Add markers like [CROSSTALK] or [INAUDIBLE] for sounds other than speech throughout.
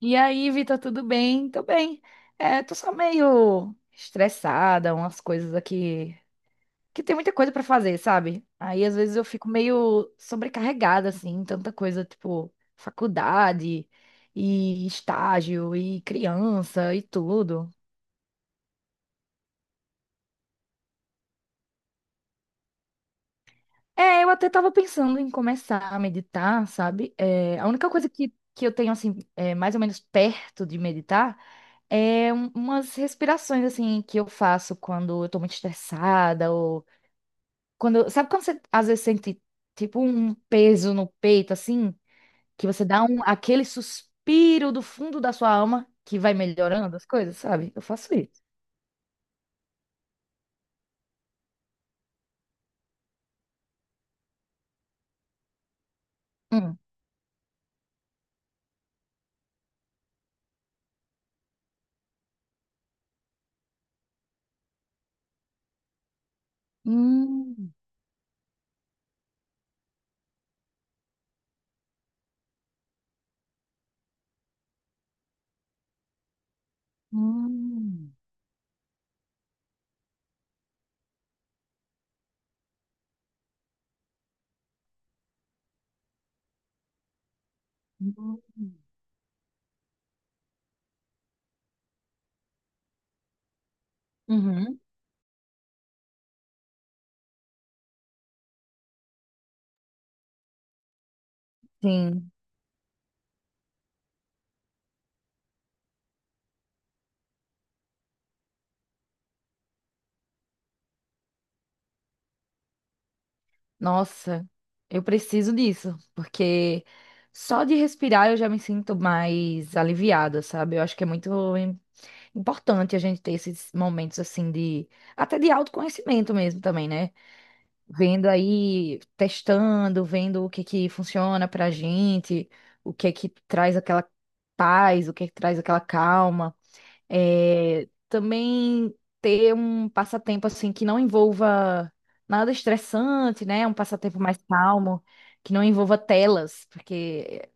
E aí, Vitor, tudo bem? Tô bem. É, tô só meio estressada, umas coisas aqui que tem muita coisa pra fazer, sabe? Aí às vezes eu fico meio sobrecarregada assim, tanta coisa, tipo, faculdade e estágio e criança e tudo. É, eu até tava pensando em começar a meditar, sabe? É, a única coisa que eu tenho assim, é, mais ou menos perto de meditar. Umas respirações assim que eu faço quando eu tô muito estressada ou quando, sabe quando você às vezes sente tipo um peso no peito assim, que você dá aquele suspiro do fundo da sua alma que vai melhorando as coisas, sabe? Eu faço isso. Hum. Hum, hum, hum. Uhum. Sim. Nossa, eu preciso disso, porque só de respirar eu já me sinto mais aliviada, sabe? Eu acho que é muito importante a gente ter esses momentos assim de até de autoconhecimento mesmo também, né? Vendo aí, testando, vendo o que que funciona pra gente, o que que traz aquela paz, o que que traz aquela calma. É, também ter um passatempo assim que não envolva nada estressante, né? Um passatempo mais calmo, que não envolva telas, porque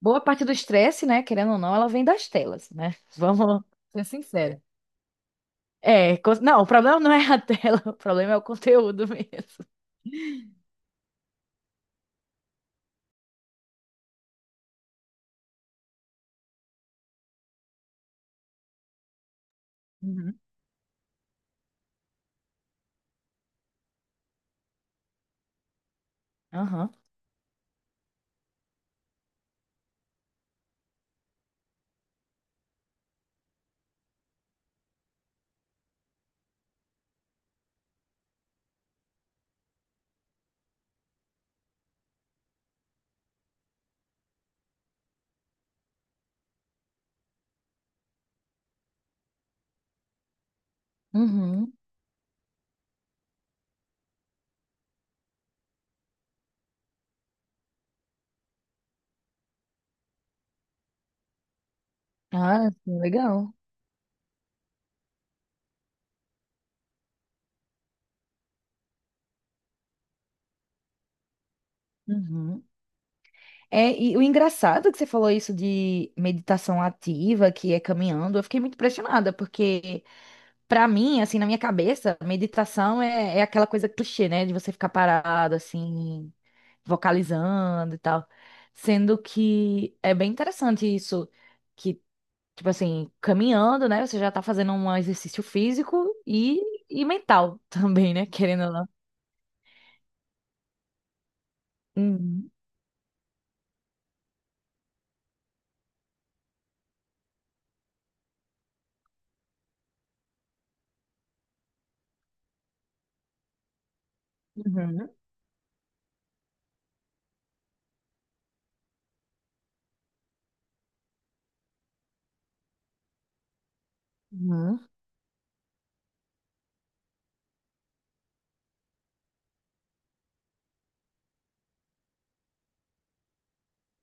boa parte do estresse, né, querendo ou não, ela vem das telas, né? [LAUGHS] Vamos ser sinceros. É, não, o problema não é a tela, [LAUGHS] o problema é o conteúdo mesmo. Uhum. Aham. Uhum. Ah, sim, legal. Uhum. É, e o engraçado é que você falou isso de meditação ativa, que é caminhando, eu fiquei muito impressionada, porque pra mim, assim, na minha cabeça, meditação é aquela coisa clichê, né? De você ficar parado, assim, vocalizando e tal. Sendo que é bem interessante isso, que tipo assim, caminhando, né? Você já tá fazendo um exercício físico e mental [LAUGHS] também, né? Querendo ou não. Uhum, uhum, uhum,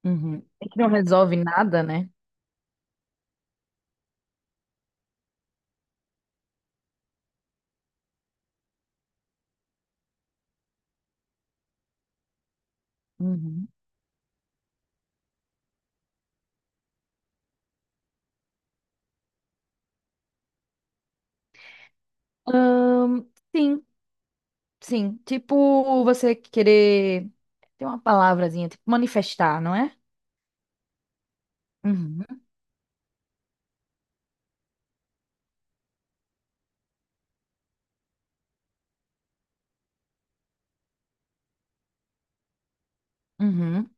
uhum. É que não resolve nada, né? Uhum. Ahn, sim, sim. Tipo, você querer. Tem uma palavrazinha, tipo manifestar, não é? Uhum, uhum.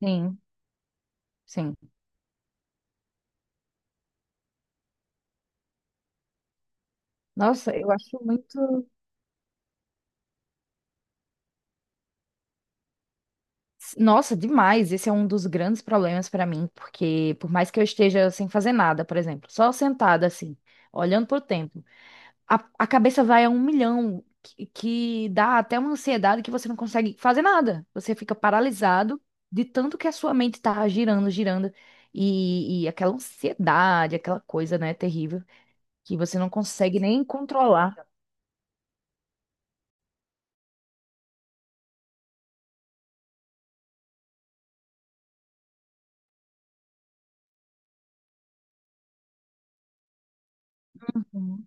Sim, sim. Nossa, eu acho muito. Nossa, demais. Esse é um dos grandes problemas pra mim, porque por mais que eu esteja sem fazer nada, por exemplo, só sentada assim, olhando pro tempo, a cabeça vai a um milhão, que dá até uma ansiedade que você não consegue fazer nada. Você fica paralisado de tanto que a sua mente tá girando, girando, e aquela ansiedade, aquela coisa, né, terrível, que você não consegue nem controlar. Uhum.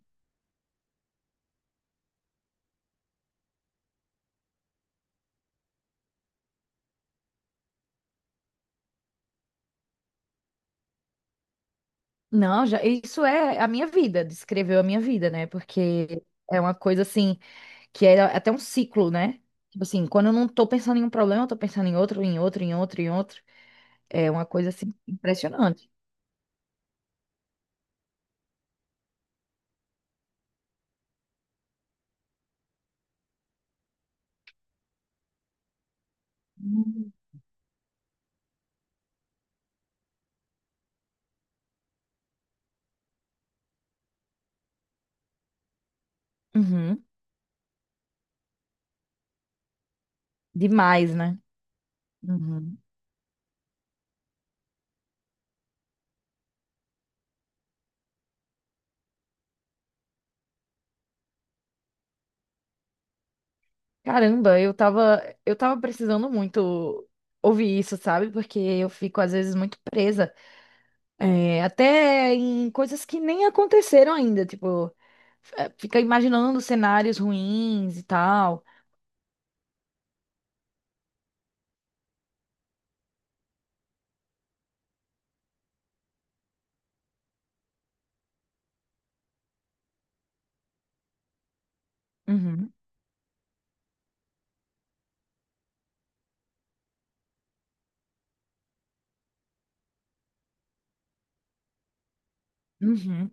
Não, já, isso é a minha vida, descreveu a minha vida, né? Porque é uma coisa assim que é até um ciclo, né? Tipo assim, quando eu não tô pensando em um problema, eu tô pensando em outro, em outro, em outro, em outro. É uma coisa assim impressionante. Uhum. Uhum. Demais, né? Uhum. Caramba, eu tava precisando muito ouvir isso, sabe? Porque eu fico às vezes muito presa, é, até em coisas que nem aconteceram ainda, tipo, é, fica imaginando cenários ruins e tal. Uhum. Uhum.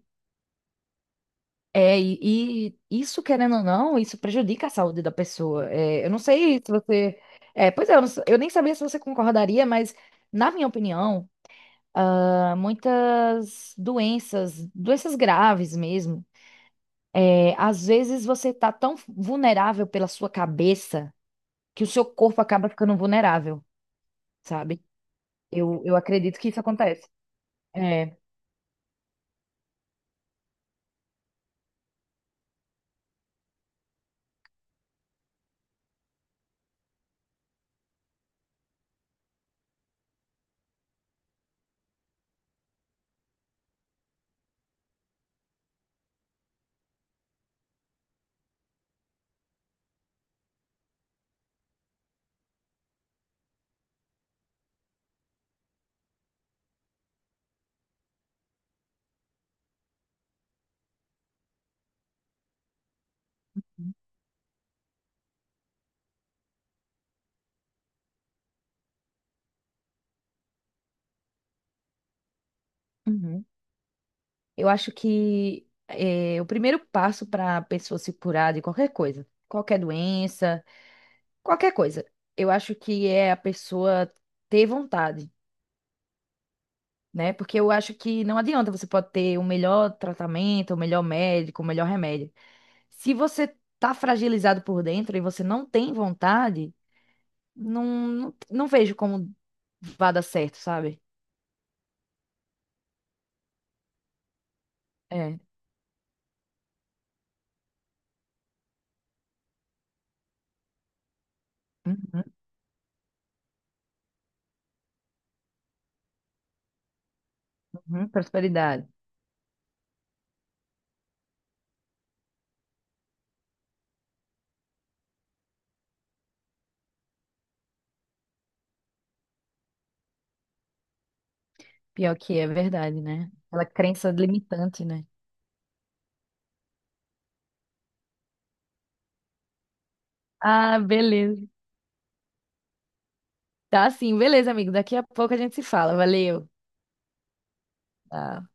É, e isso, querendo ou não, isso prejudica a saúde da pessoa. É, eu não sei se você. É, pois é, eu, não s- eu nem sabia se você concordaria, mas, na minha opinião, ah, muitas doenças, doenças graves mesmo, é, às vezes você tá tão vulnerável pela sua cabeça que o seu corpo acaba ficando vulnerável, sabe? Eu acredito que isso acontece. É. Uhum. Eu acho que é, o primeiro passo para a pessoa se curar de qualquer coisa, qualquer doença, qualquer coisa, eu acho que é a pessoa ter vontade, né? Porque eu acho que não adianta, você pode ter o melhor tratamento, o melhor médico, o melhor remédio. Se você tá fragilizado por dentro e você não tem vontade, não vejo como vá dar certo, sabe? É. Uhum, uhum, prosperidade. Pior que é verdade, né? Aquela crença limitante, né? Ah, beleza. Tá sim, beleza, amigo. Daqui a pouco a gente se fala. Valeu. Tá.